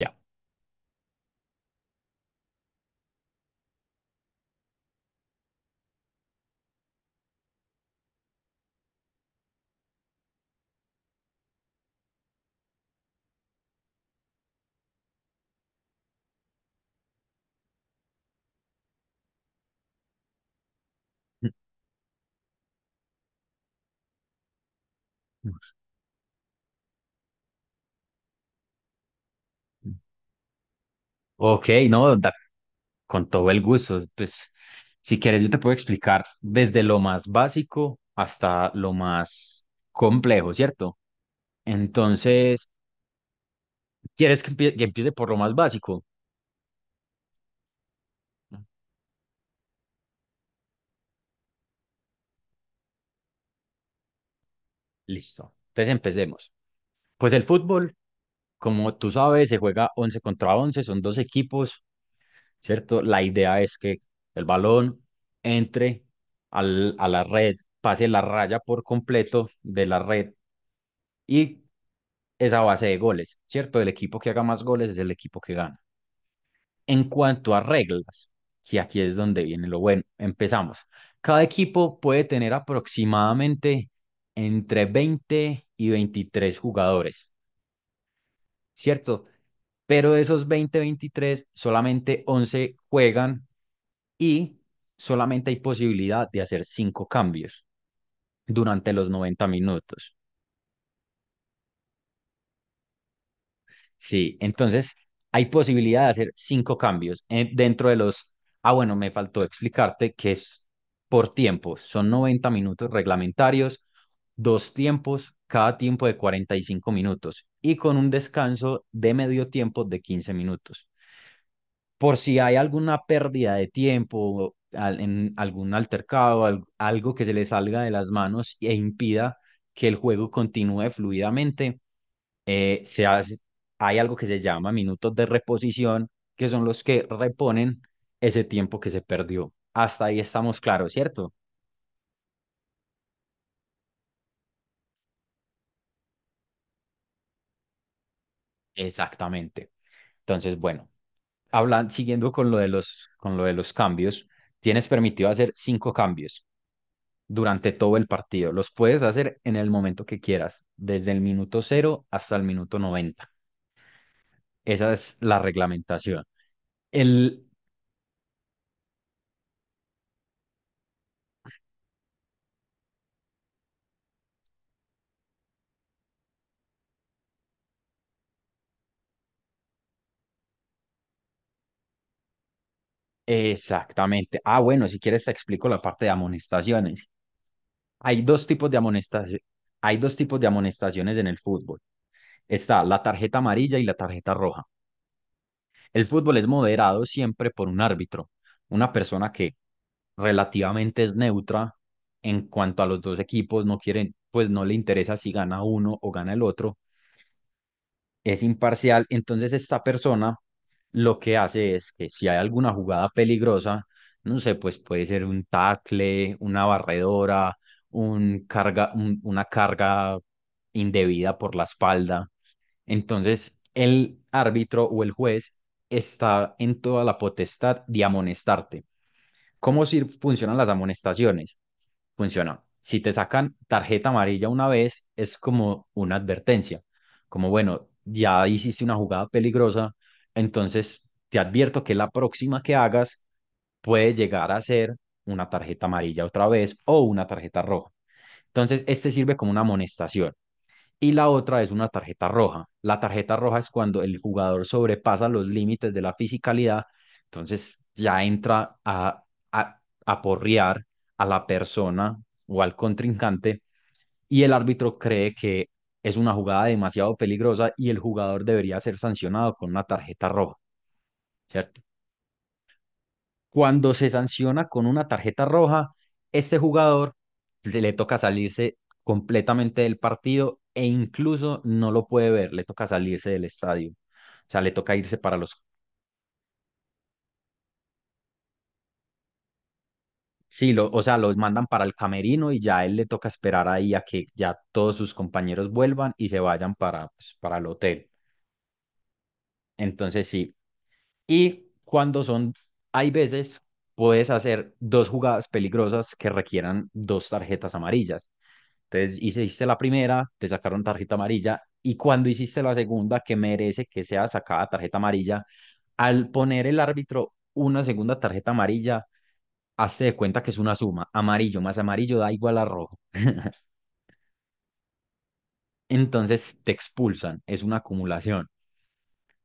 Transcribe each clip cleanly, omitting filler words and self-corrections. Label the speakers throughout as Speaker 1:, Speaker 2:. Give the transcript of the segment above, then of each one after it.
Speaker 1: Ya. Ok, no, con todo el gusto. Pues, si quieres, yo te puedo explicar desde lo más básico hasta lo más complejo, ¿cierto? Entonces, ¿quieres que empiece por lo más básico? Listo. Entonces, empecemos. Pues el fútbol, como tú sabes, se juega 11 contra 11, son dos equipos, ¿cierto? La idea es que el balón entre a la red, pase la raya por completo de la red y es a base de goles, ¿cierto? El equipo que haga más goles es el equipo que gana. En cuanto a reglas, que aquí es donde viene lo bueno, empezamos. Cada equipo puede tener aproximadamente entre 20 y 23 jugadores, ¿cierto? Pero de esos 20, 23 solamente 11 juegan y solamente hay posibilidad de hacer 5 cambios durante los 90 minutos. Sí, entonces hay posibilidad de hacer cinco cambios dentro de los... Ah, bueno, me faltó explicarte que es por tiempo. Son 90 minutos reglamentarios, dos tiempos, cada tiempo de 45 minutos y con un descanso de medio tiempo de 15 minutos por si hay alguna pérdida de tiempo en algún altercado, algo que se le salga de las manos e impida que el juego continúe fluidamente. Eh, se hace- hay algo que se llama minutos de reposición, que son los que reponen ese tiempo que se perdió. Hasta ahí estamos claros, ¿cierto? Exactamente. Entonces, bueno, hablan, siguiendo con lo de los cambios, tienes permitido hacer cinco cambios durante todo el partido. Los puedes hacer en el momento que quieras, desde el minuto cero hasta el minuto 90. Esa es la reglamentación. El... Exactamente. Ah, bueno, si quieres te explico la parte de amonestaciones. Hay dos tipos de amonestaciones. Hay dos tipos de amonestaciones en el fútbol. Está la tarjeta amarilla y la tarjeta roja. El fútbol es moderado siempre por un árbitro, una persona que relativamente es neutra en cuanto a los dos equipos, no quieren, pues no le interesa si gana uno o gana el otro, es imparcial. Entonces esta persona lo que hace es que si hay alguna jugada peligrosa, no sé, pues puede ser un tackle, una barredora, una carga indebida por la espalda. Entonces, el árbitro o el juez está en toda la potestad de amonestarte. ¿Cómo si funcionan las amonestaciones? Funciona. Si te sacan tarjeta amarilla una vez, es como una advertencia, como bueno, ya hiciste una jugada peligrosa, entonces te advierto que la próxima que hagas puede llegar a ser una tarjeta amarilla otra vez o una tarjeta roja. Entonces, este sirve como una amonestación y la otra es una tarjeta roja. La tarjeta roja es cuando el jugador sobrepasa los límites de la fisicalidad, entonces ya entra a, a porrear a la persona o al contrincante, y el árbitro cree que es una jugada demasiado peligrosa y el jugador debería ser sancionado con una tarjeta roja, ¿cierto? Cuando se sanciona con una tarjeta roja, este jugador se le toca salirse completamente del partido e incluso no lo puede ver, le toca salirse del estadio. O sea, le toca irse para los... Sí, o sea, los mandan para el camerino y ya a él le toca esperar ahí a que ya todos sus compañeros vuelvan y se vayan para, pues, para el hotel. Entonces sí. Y cuando son, hay veces, puedes hacer dos jugadas peligrosas que requieran dos tarjetas amarillas. Entonces hiciste la primera, te sacaron tarjeta amarilla y cuando hiciste la segunda, que merece que sea sacada tarjeta amarilla, al poner el árbitro una segunda tarjeta amarilla, hazte de cuenta que es una suma, amarillo más amarillo da igual a rojo. Entonces te expulsan, es una acumulación.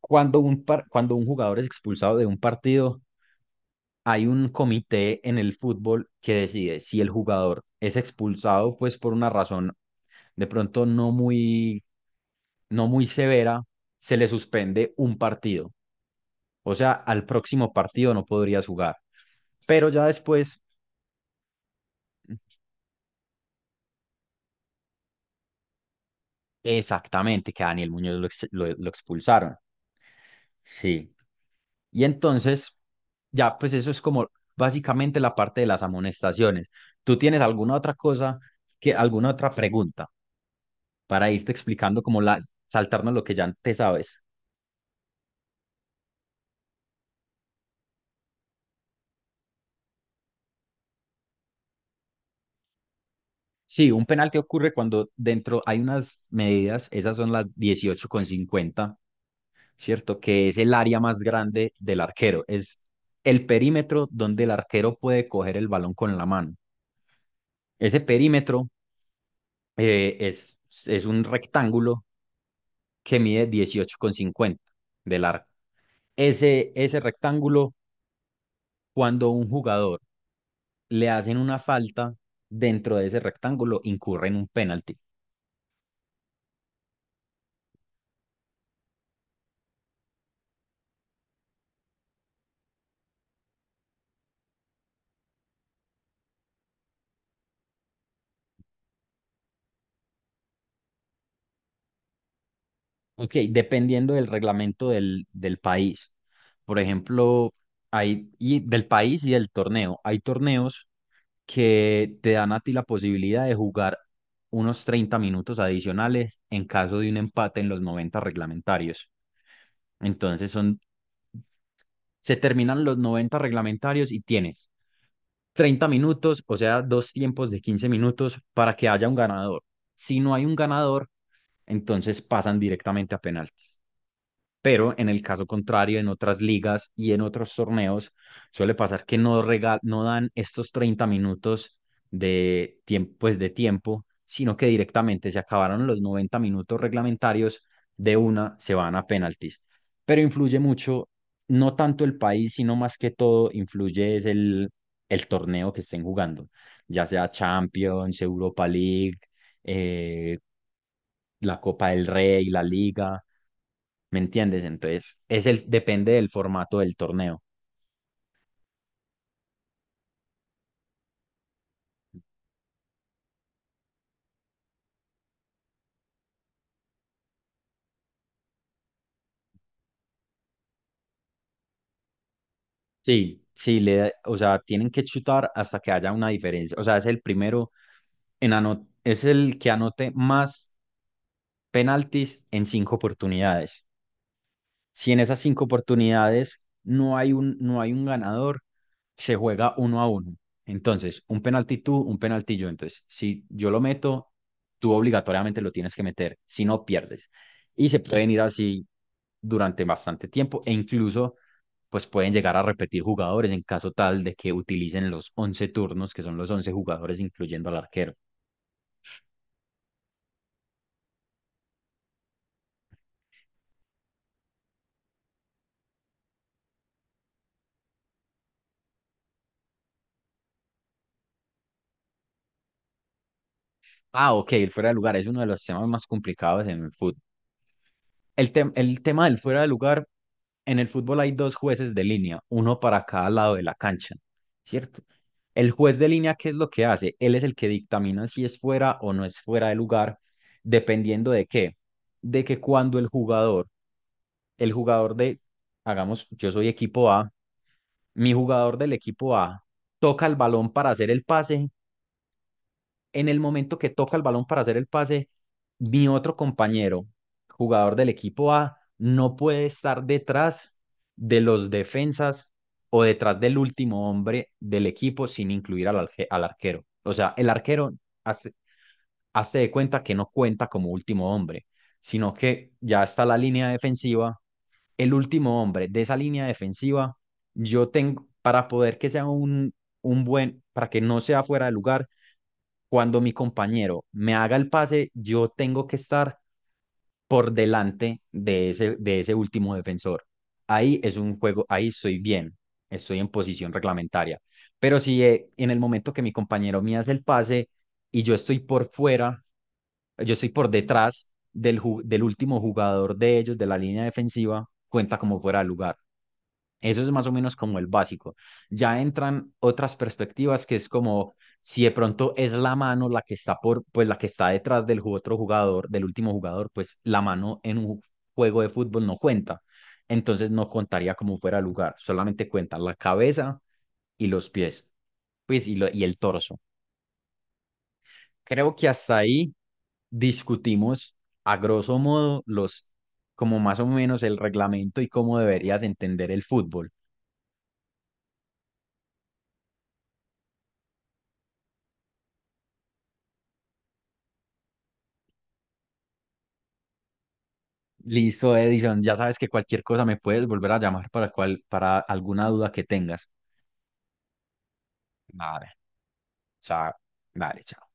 Speaker 1: Cuando un jugador es expulsado de un partido, hay un comité en el fútbol que decide si el jugador es expulsado pues por una razón de pronto no muy severa, se le suspende un partido. O sea, al próximo partido no podrías jugar. Pero ya después, exactamente, que a Daniel Muñoz lo expulsaron. Sí. Y entonces, ya, pues eso es como básicamente la parte de las amonestaciones. ¿Tú tienes alguna otra cosa, alguna otra pregunta para irte explicando como la, saltarnos lo que ya te sabes? Sí, un penalti ocurre cuando dentro hay unas medidas, esas son las 18,50, ¿cierto? Que es el área más grande del arquero. Es el perímetro donde el arquero puede coger el balón con la mano. Ese perímetro eh, es, es un rectángulo que mide 18,50 de largo. Ese rectángulo, cuando un jugador le hacen una falta dentro de ese rectángulo, incurre en un penalti. Ok, dependiendo del reglamento del país. Por ejemplo, y del país y del torneo. Hay torneos que te dan a ti la posibilidad de jugar unos 30 minutos adicionales en caso de un empate en los 90 reglamentarios. Entonces se terminan los 90 reglamentarios y tienes 30 minutos, o sea, dos tiempos de 15 minutos para que haya un ganador. Si no hay un ganador, entonces pasan directamente a penaltis. Pero en el caso contrario, en otras ligas y en otros torneos, suele pasar que no, no dan estos 30 minutos de tiempo, pues de tiempo, sino que directamente se acabaron los 90 minutos reglamentarios, de una se van a penaltis. Pero influye mucho, no tanto el país, sino más que todo, influye es el torneo que estén jugando, ya sea Champions, Europa League, eh, la Copa del Rey, la Liga. ¿Me entiendes? Entonces, depende del formato del torneo. Sí, sí, o sea, tienen que chutar hasta que haya una diferencia. O sea, es el primero es el que anote más penaltis en cinco oportunidades. Si en esas cinco oportunidades no hay un ganador, se juega uno a uno. Entonces, un penalti tú, un penalti yo. Entonces, si yo lo meto, tú obligatoriamente lo tienes que meter, si no pierdes. Y se pueden ir así durante bastante tiempo e incluso pues pueden llegar a repetir jugadores en caso tal de que utilicen los 11 turnos, que son los 11 jugadores incluyendo al arquero. Ah, ok, el fuera de lugar es uno de los temas más complicados en el fútbol. El tema del fuera de lugar, en el fútbol hay dos jueces de línea, uno para cada lado de la cancha, ¿cierto? El juez de línea, ¿qué es lo que hace? Él es el que dictamina si es fuera o no es fuera de lugar, dependiendo de qué. De que cuando el jugador de, hagamos, yo soy equipo A, mi jugador del equipo A toca el balón para hacer el pase, en el momento que toca el balón para hacer el pase, mi otro compañero, jugador del equipo A, no puede estar detrás de los defensas o detrás del último hombre del equipo sin incluir al arquero. O sea, el arquero hace, hace de cuenta que no cuenta como último hombre, sino que ya está la línea defensiva el último hombre de esa línea defensiva, yo tengo, para poder que sea un buen, para que no sea fuera de lugar, cuando mi compañero me haga el pase, yo tengo que estar por delante de ese último defensor. Ahí es un juego, ahí estoy bien, estoy en posición reglamentaria. Pero si en el momento que mi compañero me hace el pase, y yo estoy por fuera, yo estoy por detrás del último jugador de ellos, de la línea defensiva, cuenta como fuera de lugar. Eso es más o menos como el básico. Ya entran otras perspectivas que es como si de pronto es la mano la que está por, pues la que está detrás otro jugador, del último jugador, pues la mano en un juego de fútbol no cuenta. Entonces no contaría como fuera de lugar, solamente cuentan la cabeza y los pies, pues y, y el torso. Creo que hasta ahí discutimos a grosso modo los, como más o menos el reglamento y cómo deberías entender el fútbol. Listo, Edison, ya sabes que cualquier cosa me puedes volver a llamar para alguna duda que tengas. Vale, chao. Vale, chao.